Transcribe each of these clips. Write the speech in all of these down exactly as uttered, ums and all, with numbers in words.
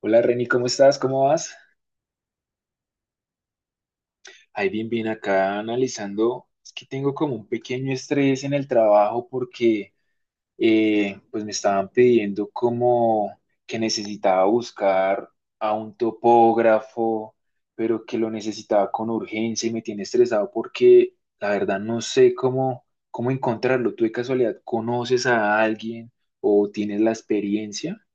Hola Reni, ¿cómo estás? ¿Cómo vas? Ahí bien, bien acá analizando. Es que tengo como un pequeño estrés en el trabajo porque eh, pues me estaban pidiendo como que necesitaba buscar a un topógrafo, pero que lo necesitaba con urgencia y me tiene estresado porque la verdad no sé cómo, cómo encontrarlo. ¿Tú de casualidad conoces a alguien o tienes la experiencia?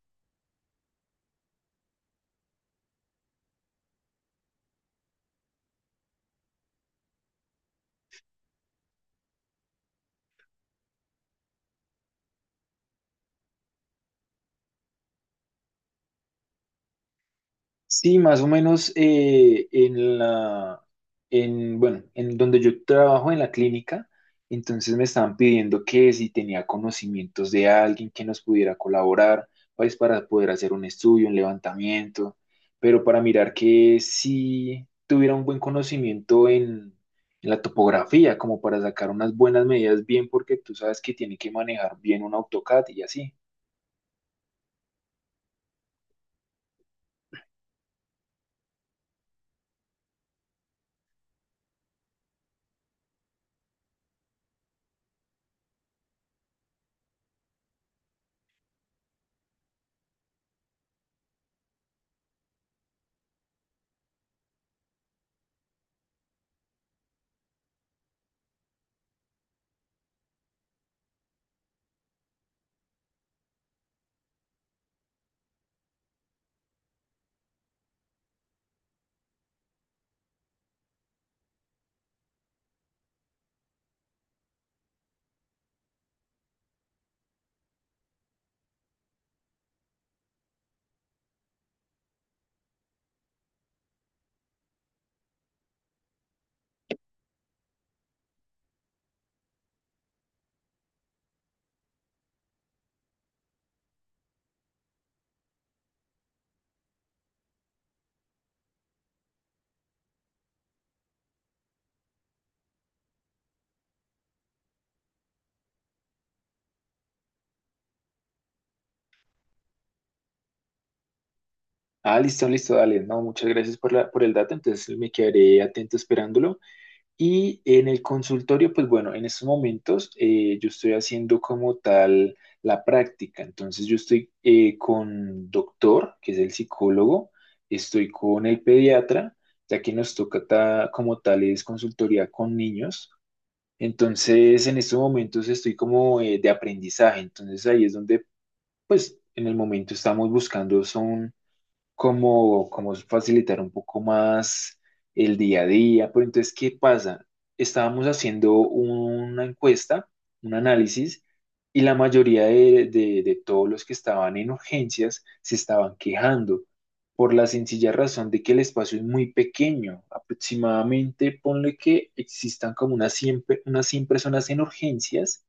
Sí, más o menos eh, en la, en, bueno, en donde yo trabajo en la clínica, entonces me estaban pidiendo que si tenía conocimientos de alguien que nos pudiera colaborar, pues para poder hacer un estudio, un levantamiento, pero para mirar que si tuviera un buen conocimiento en, en la topografía, como para sacar unas buenas medidas bien, porque tú sabes que tiene que manejar bien un AutoCAD y así. Ah, listo, listo, dale. No, muchas gracias por la, por el dato. Entonces me quedaré atento esperándolo. Y en el consultorio, pues bueno, en estos momentos eh, yo estoy haciendo como tal la práctica. Entonces yo estoy eh, con doctor, que es el psicólogo, estoy con el pediatra, ya que nos toca ta- como tal es consultoría con niños. Entonces en estos momentos estoy como eh, de aprendizaje. Entonces ahí es donde, pues en el momento estamos buscando son como, como facilitar un poco más el día a día. Pero entonces, ¿qué pasa? Estábamos haciendo una encuesta, un análisis, y la mayoría de, de- de todos los que estaban en urgencias se estaban quejando por la sencilla razón de que el espacio es muy pequeño. Aproximadamente, ponle que existan como unas cien pe- unas cien personas en urgencias,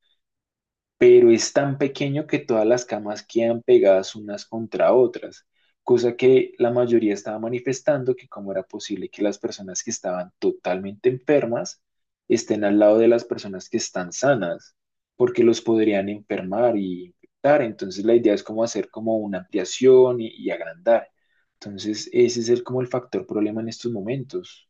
pero es tan pequeño que todas las camas quedan pegadas unas contra otras, cosa que la mayoría estaba manifestando que cómo era posible que las personas que estaban totalmente enfermas estén al lado de las personas que están sanas, porque los podrían enfermar y infectar. Entonces la idea es como hacer como una ampliación y, y agrandar. Entonces ese es el, como el factor problema en estos momentos.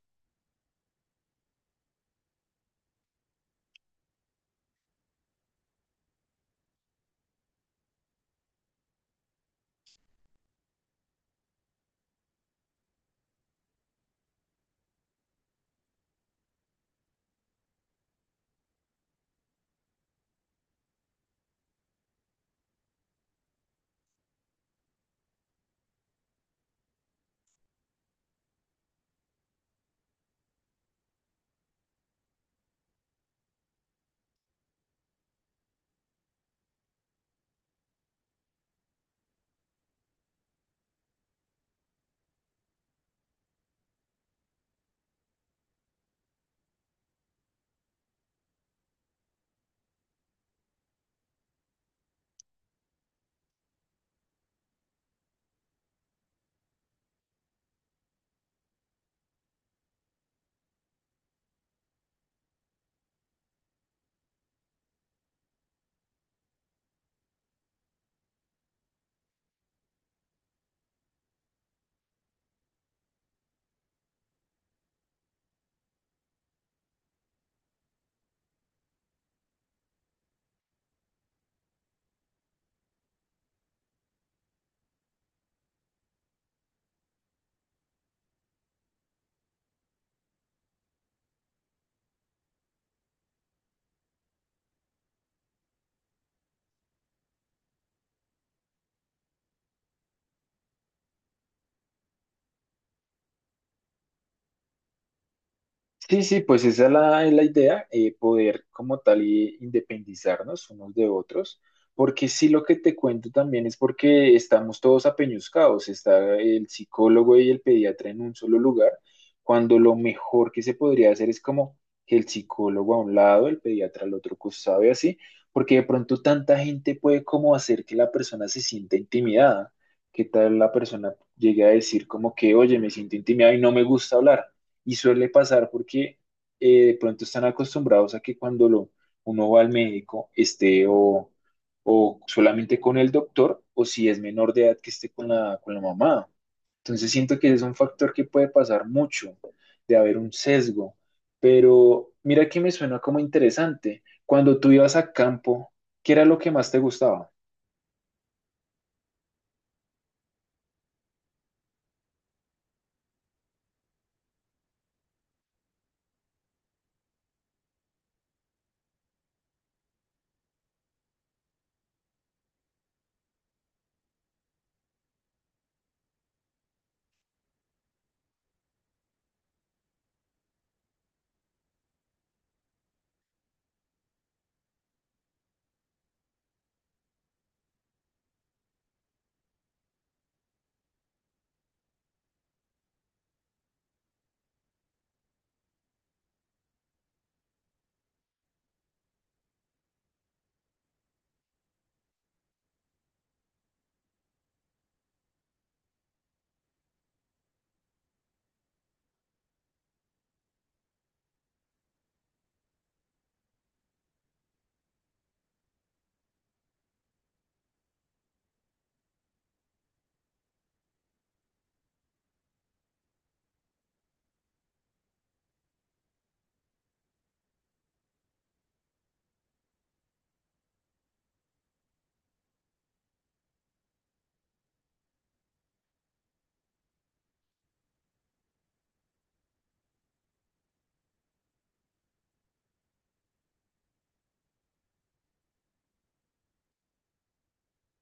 Sí, sí, pues esa es la, es la idea, eh, poder como tal eh, independizarnos unos de otros, porque sí lo que te cuento también es porque estamos todos apeñuscados, está el psicólogo y el pediatra en un solo lugar, cuando lo mejor que se podría hacer es como que el psicólogo a un lado, el pediatra al otro, costado y así, porque de pronto tanta gente puede como hacer que la persona se sienta intimidada, que tal la persona llegue a decir como que, oye, me siento intimidada y no me gusta hablar. Y suele pasar porque eh, de pronto están acostumbrados a que cuando lo, uno va al médico esté o, o solamente con el doctor o si es menor de edad que esté con la, con la mamá. Entonces siento que es un factor que puede pasar mucho, de haber un sesgo. Pero mira que me suena como interesante. Cuando tú ibas a campo, ¿qué era lo que más te gustaba?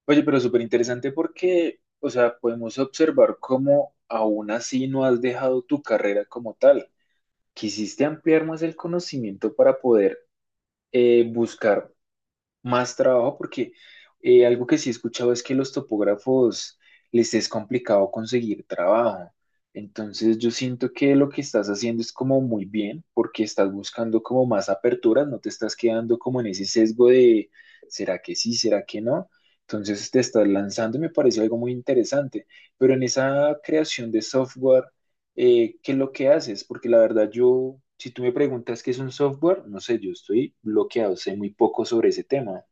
Oye, pero súper interesante porque, o sea, podemos observar cómo aún así no has dejado tu carrera como tal, quisiste ampliar más el conocimiento para poder eh, buscar más trabajo, porque eh, algo que sí he escuchado es que los topógrafos les es complicado conseguir trabajo. Entonces yo siento que lo que estás haciendo es como muy bien, porque estás buscando como más aperturas, no te estás quedando como en ese sesgo de ¿Será que sí? ¿Será que no? Entonces te estás lanzando y me parece algo muy interesante. Pero en esa creación de software, eh, qué es lo que haces, porque la verdad yo, si tú me preguntas qué es un software, no sé, yo estoy bloqueado, sé muy poco sobre ese tema.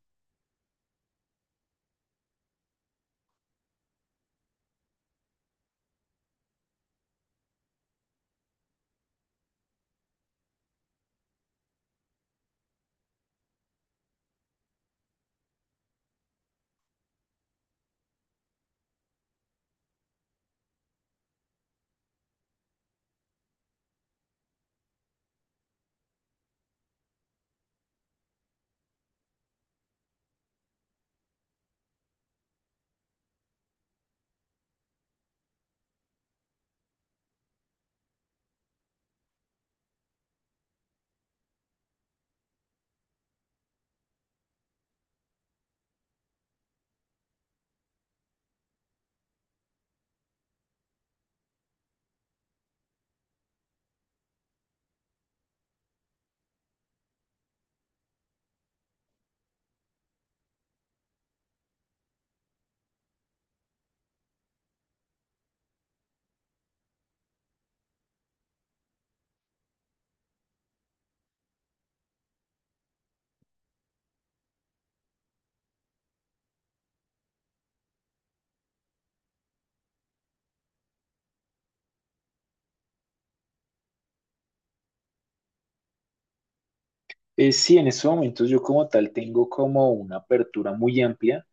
Eh, sí, en estos momentos yo como tal tengo como una apertura muy amplia.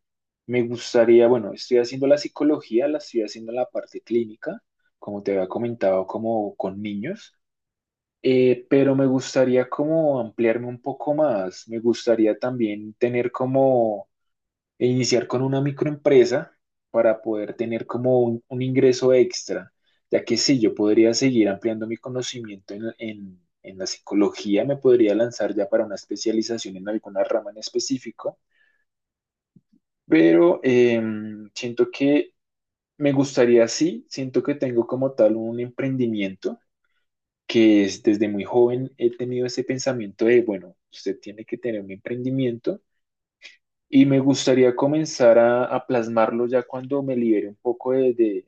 Me gustaría, bueno, estoy haciendo la psicología, la estoy haciendo en la parte clínica, como te había comentado, como con niños, eh, pero me gustaría como ampliarme un poco más. Me gustaría también tener como e iniciar con una microempresa para poder tener como un, un ingreso extra, ya que sí, yo podría seguir ampliando mi conocimiento en, en- en la psicología, me podría lanzar ya para una especialización en alguna rama en específico, pero em, siento que me gustaría, sí, siento que tengo como tal un emprendimiento que es desde muy joven he tenido ese pensamiento de, bueno, usted tiene que tener un emprendimiento. Y me gustaría comenzar a, a plasmarlo ya cuando me libere un poco de, de-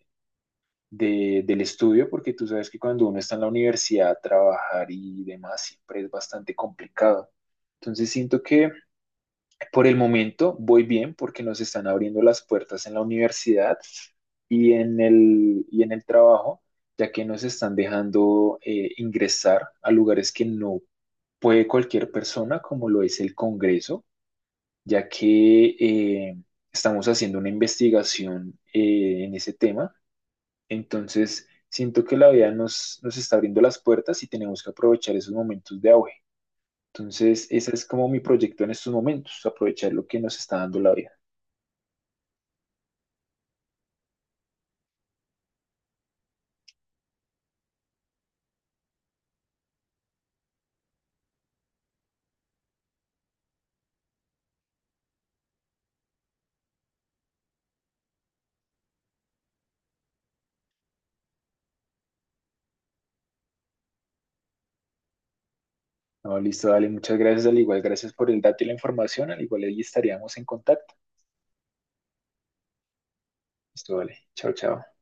de- del estudio, porque tú sabes que cuando uno está en la universidad, trabajar y demás siempre es bastante complicado. Entonces siento que por el momento voy bien porque nos están abriendo las puertas en la universidad y en el, y en el trabajo, ya que nos están dejando eh, ingresar a lugares que no puede cualquier persona, como lo es el Congreso ya que eh, estamos haciendo una investigación eh, en ese tema. Entonces, siento que la vida nos, nos está abriendo las puertas y tenemos que aprovechar esos momentos de auge. Entonces, ese es como mi proyecto en estos momentos, aprovechar lo que nos está dando la vida. No, listo, dale, muchas gracias, al igual, gracias por el dato y la información, al igual ahí estaríamos en contacto. Listo, vale, chao, chao.